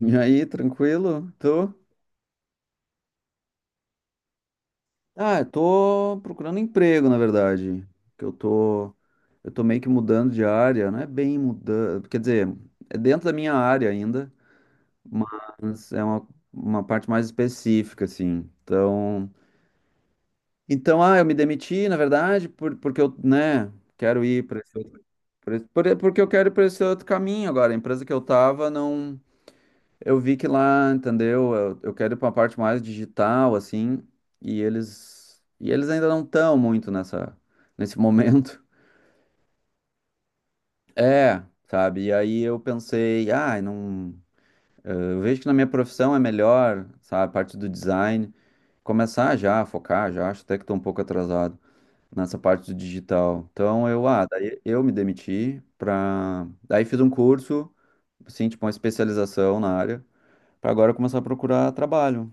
E aí, tranquilo? Tô? Ah, eu tô procurando emprego, na verdade. Que eu tô, eu tô meio que mudando de área, não é bem mudando, quer dizer, é dentro da minha área ainda, mas é uma parte mais específica, assim. Então, eu me demiti, na verdade, porque eu, né, quero ir para esse outro, porque eu quero ir para esse outro caminho agora. A empresa que eu tava não Eu vi que lá, entendeu? Eu quero ir para uma parte mais digital, assim, e eles ainda não estão muito nessa nesse momento. É, sabe? E aí eu pensei, ah, não, eu vejo que na minha profissão é melhor, sabe, a parte do design, começar já a focar, já acho até que estou um pouco atrasado nessa parte do digital. Então, daí eu me demiti daí fiz um curso, assim, tipo uma especialização na área, para agora começar a procurar trabalho.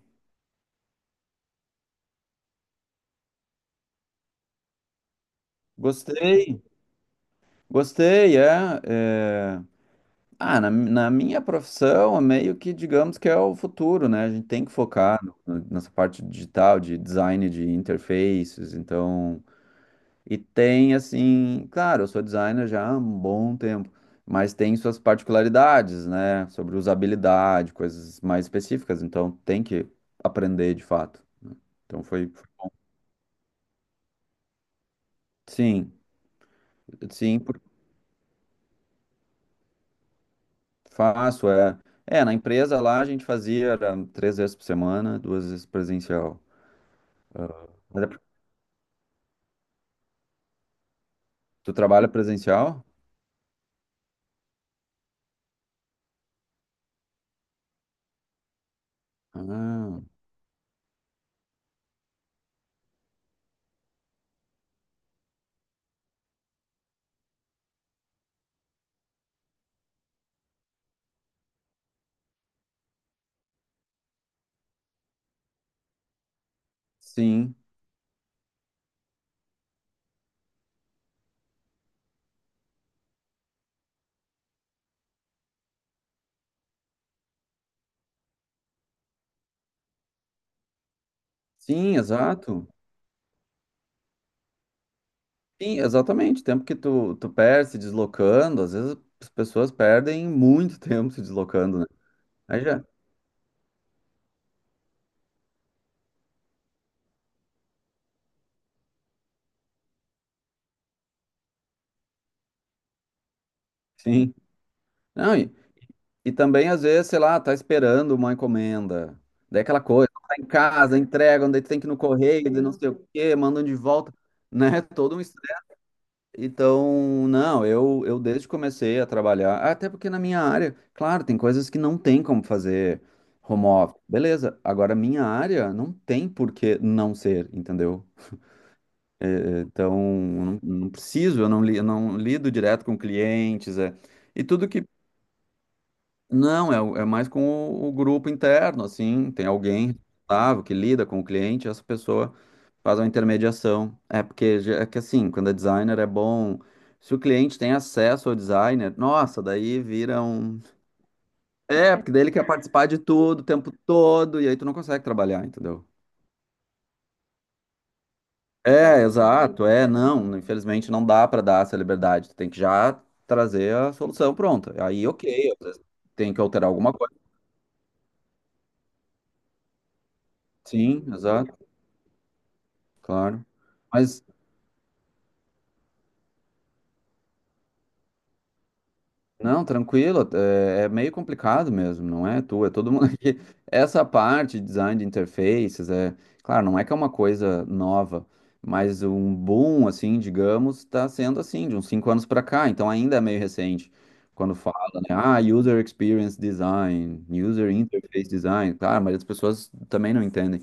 Gostei. Gostei, é. é- Ah, na minha profissão, é meio que digamos que é o futuro, né? A gente tem que focar nessa parte digital, de design de interfaces, então. E tem, assim, claro, eu sou designer já há um bom tempo, mas tem suas particularidades, né? Sobre usabilidade, coisas mais específicas, então tem que aprender de fato, né? Então foi. Sim, sim, faço, é. É, na empresa lá a gente fazia era 3 vezes por semana, 2 vezes presencial. Mas é porque Tu trabalha presencial? Ah, sim. Sim, exato. Sim, exatamente. O tempo que tu perde se deslocando, às vezes as pessoas perdem muito tempo se deslocando, né? Aí já, sim. Não, e, também às vezes, sei lá, tá esperando uma encomenda. Daí é aquela coisa, tá em casa, entregam, daí tu tem que ir no correio, daí não sei o quê, mandam de volta, né? Todo um Então, não, eu desde que comecei a trabalhar, até porque na minha área, claro, tem coisas que não tem como fazer home office, beleza, agora minha área não tem por que não ser, entendeu? É, então, eu não preciso, eu não lido direto com clientes, é, e tudo que, não, é, o- é mais com o grupo interno, assim, tem alguém responsável que lida com o cliente, essa pessoa faz uma intermediação. É que assim, quando é designer é bom. Se o cliente tem acesso ao designer, nossa, daí vira um. É, porque daí ele quer participar de tudo o tempo todo, e aí tu não consegue trabalhar, entendeu? É, exato, é, não. Infelizmente não dá pra dar essa liberdade. Tu tem que já trazer a solução pronta. Aí, ok, às vezes tem que alterar alguma coisa. Sim, exato, claro. Mas Não, tranquilo, é meio complicado mesmo, não é tu, é todo mundo aqui. Essa parte de design de interfaces, é, claro, não é que é uma coisa nova, mas um boom, assim, digamos, está sendo assim, de uns 5 anos para cá, então ainda é meio recente. Quando fala, né, ah, user experience design, user interface design, claro, mas as pessoas também não entendem,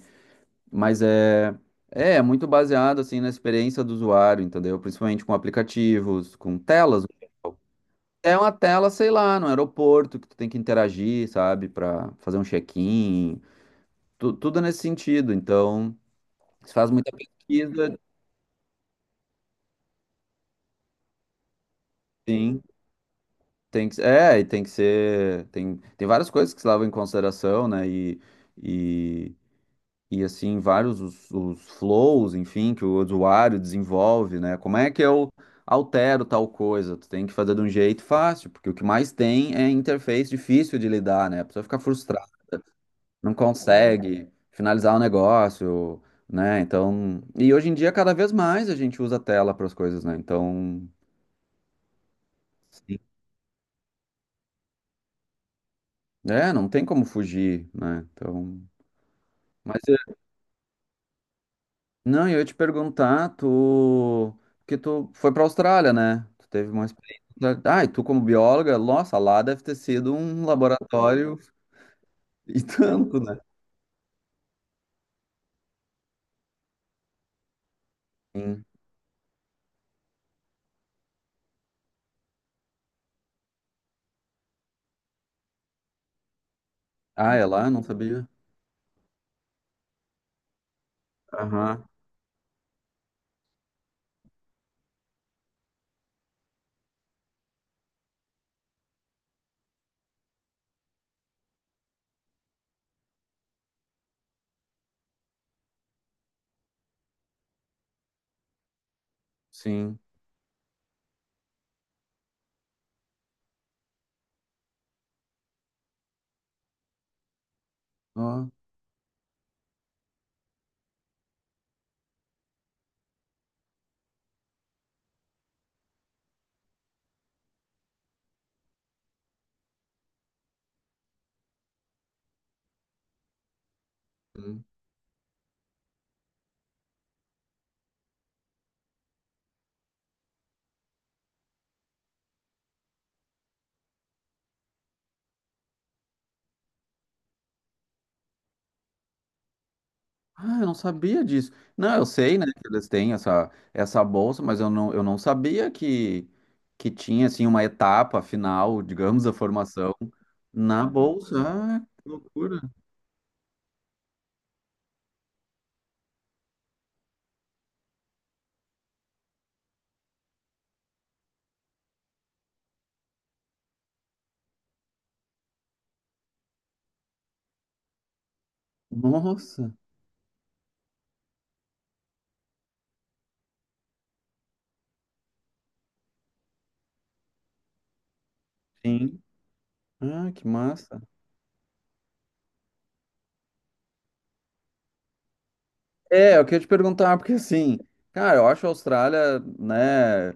mas é, muito baseado, assim, na experiência do usuário, entendeu? Principalmente com aplicativos, com telas, é uma tela, sei lá, no aeroporto que tu tem que interagir, sabe. Pra fazer um check-in, tudo nesse sentido. Então, se faz muita pesquisa, sim, e tem que ser, tem várias coisas que se levam em consideração, né? E, e assim, vários os, flows, enfim, que o usuário desenvolve, né? Como é que eu altero tal coisa? Tu tem que fazer de um jeito fácil, porque o que mais tem é interface difícil de lidar, né? A pessoa fica frustrada, não consegue finalizar o negócio, né? Então, e hoje em dia cada vez mais a gente usa tela para as coisas, né? Então, sim, é, não tem como fugir, né? Então, mas é, não, eu ia te perguntar, tu que tu foi para a Austrália, né? Tu teve uma experiência. Ah, e tu como bióloga, nossa, lá deve ter sido um laboratório e tanto, né? Sim. Ah, é lá? Não sabia. Aham, sim. Ó. Hum. Ah, eu não sabia disso. Não, eu sei, né, que eles têm essa, bolsa, mas eu não, sabia que, tinha, assim, uma etapa final, digamos, da formação na bolsa. Ah, que loucura. Nossa, sim. Ah, que massa. É, eu queria te perguntar, porque assim, cara, eu acho a Austrália, né?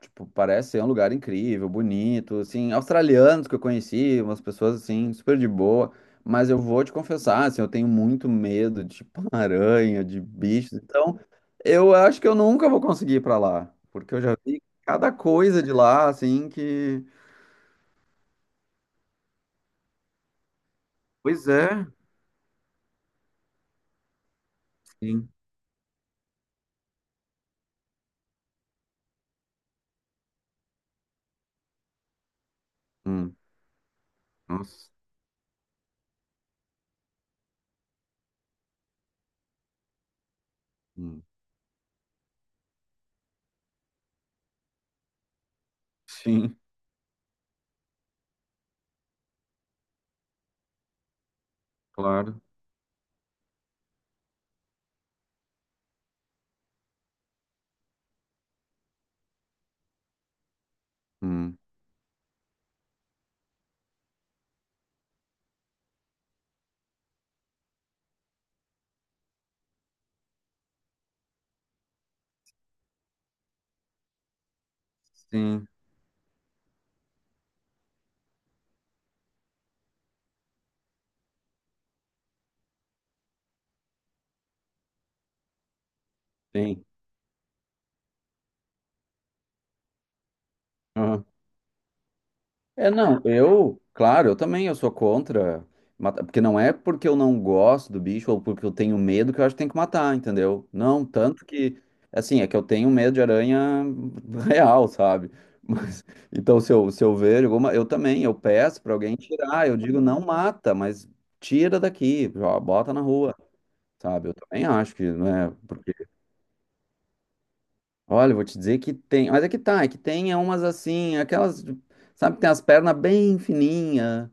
Tipo, parece ser um lugar incrível, bonito, assim, australianos que eu conheci, umas pessoas assim, super de boa, mas eu vou te confessar, assim, eu tenho muito medo de tipo, aranha, de bichos, então eu acho que eu nunca vou conseguir ir pra lá, porque eu já vi cada coisa de lá, assim, que... Pois é, sim. Hum. Nossa. Hum, sim, claro. Hum, sim, sim. É, não, eu, claro, eu também, eu sou contra matar, porque não é porque eu não gosto do bicho ou porque eu tenho medo que eu acho que tem que matar, entendeu? Não, tanto que, assim, é que eu tenho medo de aranha real, sabe? Mas, então, se eu, ver alguma, eu também, eu peço pra alguém tirar, eu digo, não mata, mas tira daqui, ó, bota na rua, sabe? Eu também acho que, né, porque, olha, eu vou te dizer que tem, é que tem umas assim, aquelas, sabe, que tem as pernas bem fininhas.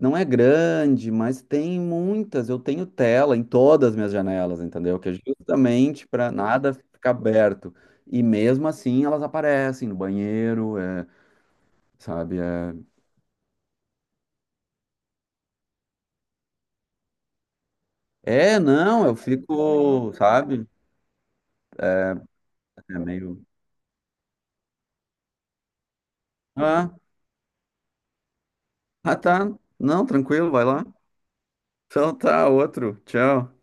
Não é grande, mas tem muitas. Eu tenho tela em todas as minhas janelas, entendeu? Que é justamente para nada ficar aberto. E mesmo assim elas aparecem no banheiro, é, sabe? Não, eu fico, sabe? É meio. Ah, ah, tá. Não, tranquilo, vai lá. Então tá, outro. Tchau.